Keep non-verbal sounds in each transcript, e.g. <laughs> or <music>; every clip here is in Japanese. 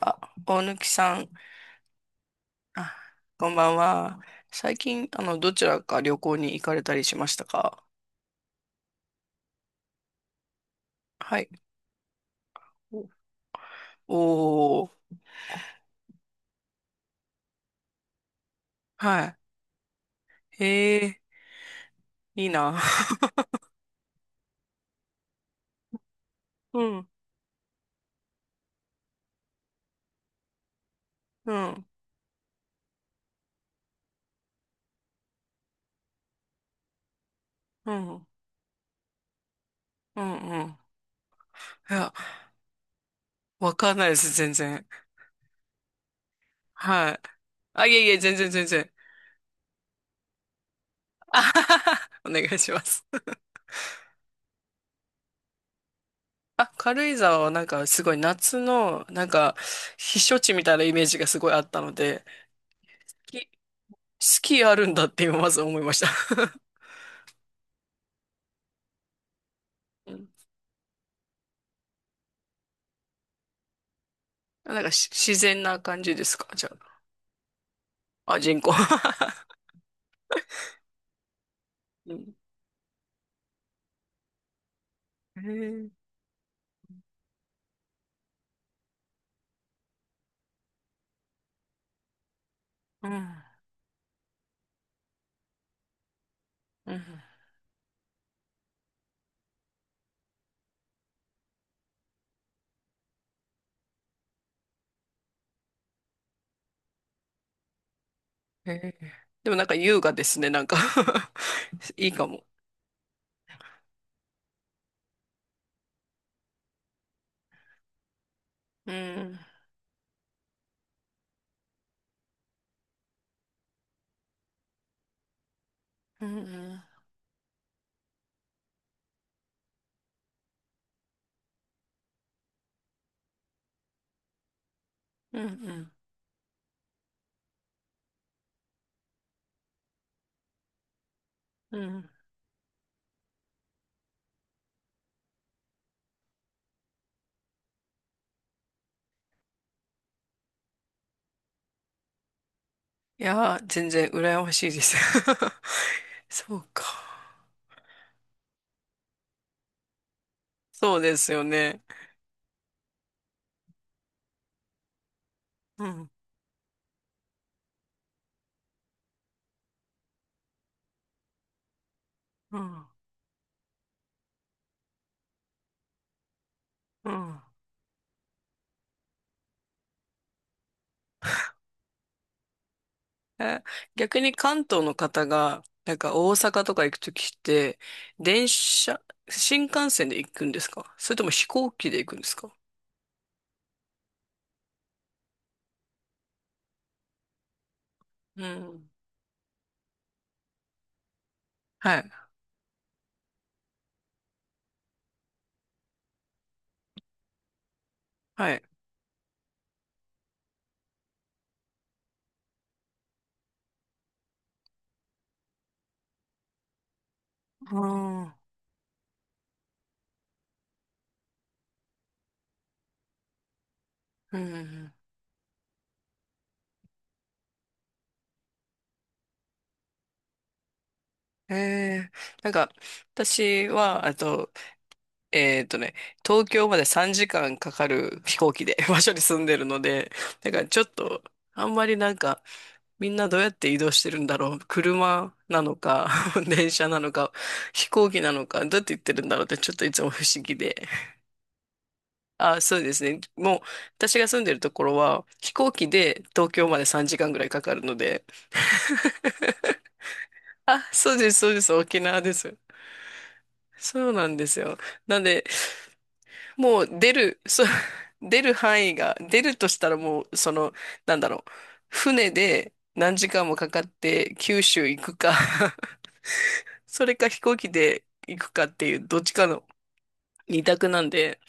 あ、大貫さん、あ、こんばんは。最近、どちらか旅行に行かれたりしましたか？はい。おおー、はい。ええ、いいな。<laughs> うん、うん、うん、うん、うん。いや、わかんないです、全然。はい。あ、いえいえ、全然、全然。あはは、はお願いします。あ、軽井沢はなんかすごい夏の、なんか、避暑地みたいなイメージがすごいあったので、スキスキーあるんだって今まず思いました。<laughs> なんかし自然な感じですか、じゃあ。あ、人工。<laughs> うん。へえ。うん。うん。へえ。でもなんか優雅ですね、なんか。 <laughs> いいかも。うん。うん。うん。うん。うん。いやー、全然羨ましいです。 <laughs> そうか。そうですよね。うん。うん。うん。え、逆に関東の方が、なんか大阪とか行くときって、電車、新幹線で行くんですか？それとも飛行機で行くんですか？うん。はい。はい。ああ、うん。ええ、なんか、私は、あと、えっとね、東京まで3時間かんかかる飛行機で <laughs> 場所に住んでるので、だからちょっと、あんまりなんか、みんなどうやって移動してるんだろう。車なのか、<laughs> 電車なのか、飛行機なのか、どうやって行ってるんだろうって、ちょっといつも不思議で。あ、そうですね。もう、私が住んでるところは、飛行機で東京まで3時間ぐらいかかるので、あ、そうです、そうです、沖縄です。そうなんですよ。なんで、もう出る、そう、出る範囲が、出るとしたらもう、その、なんだろう、船で何時間もかかって九州行くか、 <laughs> それか飛行機で行くかっていう、どっちかの二択なんで、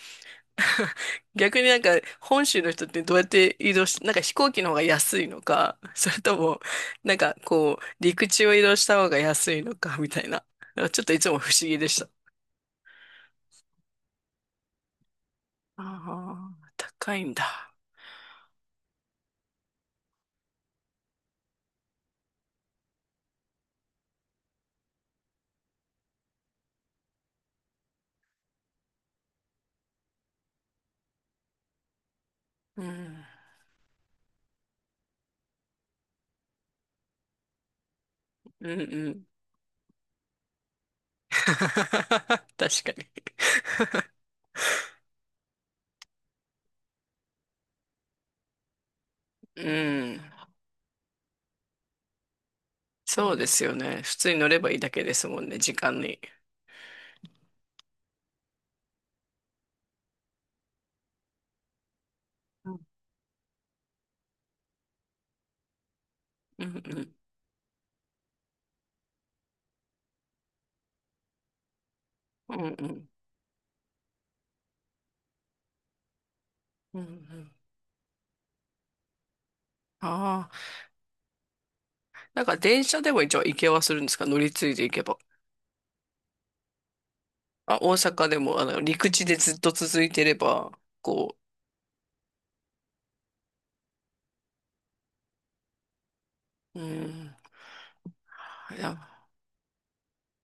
<laughs> 逆になんか本州の人ってどうやって移動し、なんか飛行機の方が安いのか、<laughs> それともなんかこう陸地を移動した方が安いのか、 <laughs> みたいな。なんかちょっといつも不思議でした。ああ、高いんだ。うん。うん、うん。<laughs> 確かに。うん。そうですよね。普通に乗ればいいだけですもんね、時間に。うん、うん。うん、うん。うん、うん。ああ、なんか電車でも一応行けはするんですか、乗り継いで行けば。あ、大阪でも、陸地でずっと続いてれば、こう、うん、いや、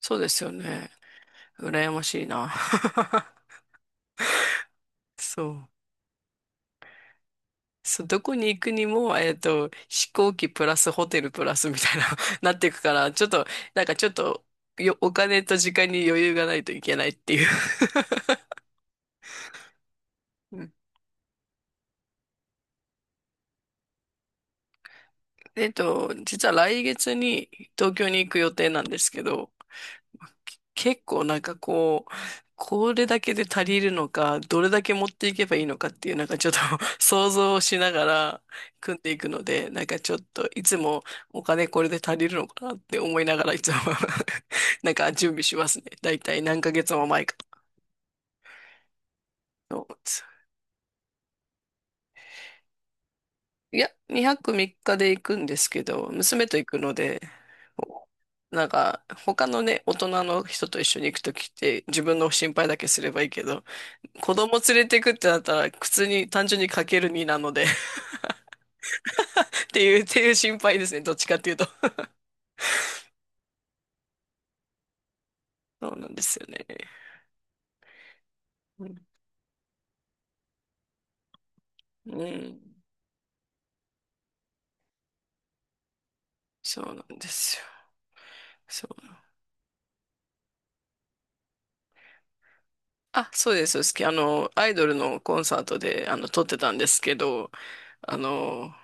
そうですよね。羨ましいな。<laughs> そう。そう、どこに行くにも、えっと、飛行機プラスホテルプラスみたいな、<laughs> なっていくから、ちょっと、なんかちょっと、よ、お金と時間に余裕がないといけないっていう。うん。えっと、実は来月に東京に行く予定なんですけど、結構なんかこう、これだけで足りるのか、どれだけ持っていけばいいのかっていう、なんかちょっと <laughs> 想像をしながら組んでいくので、なんかちょっといつもお金これで足りるのかなって思いながらいつも <laughs> なんか準備しますね。だいたい何ヶ月も前から。いや、2泊3日で行くんですけど、娘と行くので、こうなんか他のね、大人の人と一緒に行くときって自分の心配だけすればいいけど、子供連れてくってなったら、普通に単純にかける2なので、 <laughs> っていう、っていう心配ですね。どっちかっていうと。そうなんですよね。うん。うん。そうなんですよ。そう。あ、そうです。好き。アイドルのコンサートで、撮ってたんですけど、あの、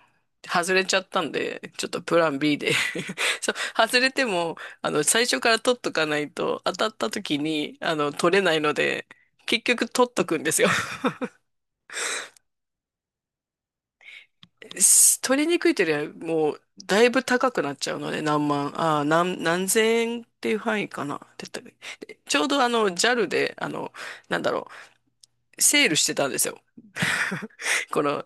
外れちゃったんで、ちょっとプラン B で、 <laughs> そう、外れても、最初から撮っとかないと、当たった時に、撮れないので、結局撮っとくんですよ。す取りにくいというよりは、もう、だいぶ高くなっちゃうので、何万、ああ、何、何千円っていう範囲かな。って言ったで、ちょうどあの、JAL で、なんだろう、セールしてたんですよ。<laughs> この、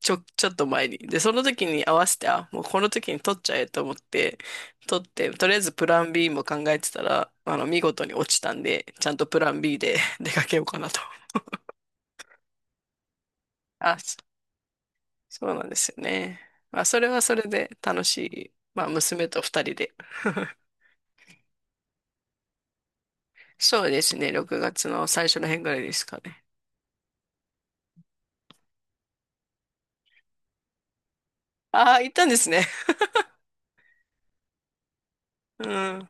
ちょっと前に。で、その時に合わせて、あ、もうこの時に取っちゃえと思って、取って、とりあえずプラン B も考えてたら、見事に落ちたんで、ちゃんとプラン B で <laughs> 出かけようかなと。あ、そうなんですよね。まあ、それはそれで楽しい。まあ、娘と二人で。<laughs> そうですね。6月の最初の辺ぐらいですかね。ああ、行ったんですね。うん。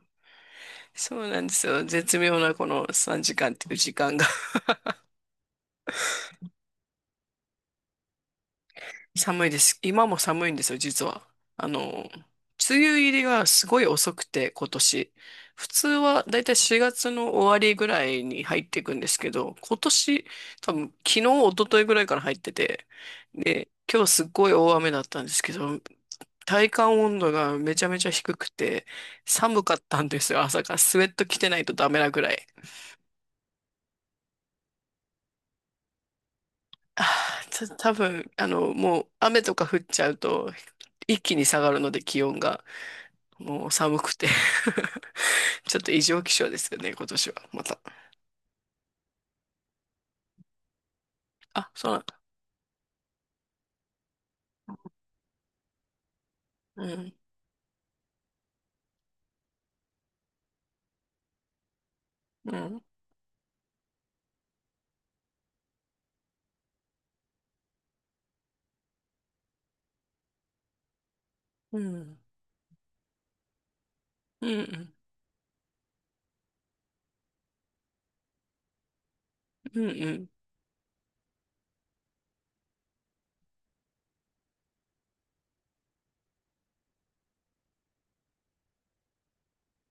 そうなんですよ。絶妙なこの3時間っていう時間が。寒いです。今も寒いんですよ、実は。あの、梅雨入りがすごい遅くて、今年。普通はだいたい4月の終わりぐらいに入っていくんですけど、今年、多分昨日、一昨日ぐらいから入ってて、で、今日すっごい大雨だったんですけど、体感温度がめちゃめちゃ低くて、寒かったんですよ、朝から。スウェット着てないとダメなぐらい。あー、ちょ多分、もう雨とか降っちゃうと、一気に下がるので気温が。もう寒くて、 <laughs> ちょっと異常気象ですよね、今年は。また。あ、そうなんだ。うん、うん、うん、うん、うん、うん、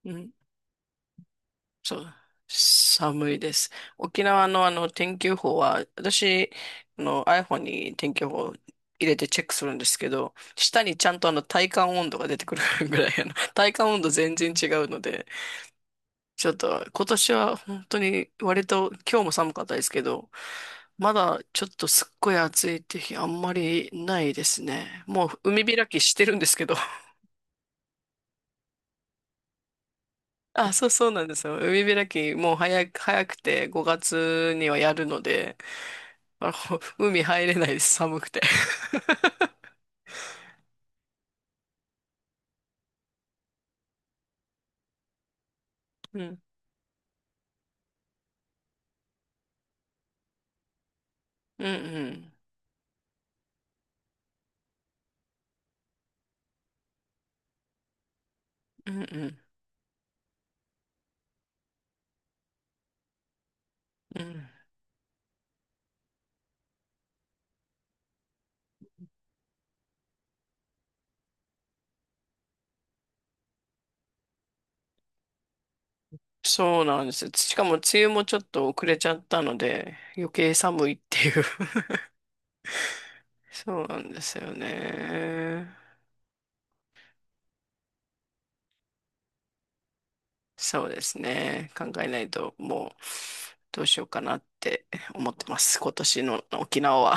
うん、うん。そう。寒いです。沖縄のあの天気予報は、私、あの iPhone に天気予報入れてチェックするんですけど、下にちゃんとあの体感温度が出てくるぐらい、あの体感温度全然違うので、ちょっと今年は本当に割と今日も寒かったですけど、まだちょっとすっごい暑いって日あんまりないですね。もう海開きしてるんですけど。<laughs> あ、そうそうなんですよ。海開きもう早く、早くて5月にはやるので、あの海入れないです、寒くて。<laughs> うん、うん、うん、うん、うん。うん、そうなんですよ。しかも梅雨もちょっと遅れちゃったので、余計寒いっていう。<laughs> そうなんですよね。そうですね。考えないと、もう、どうしようかなって思ってます。今年の沖縄は。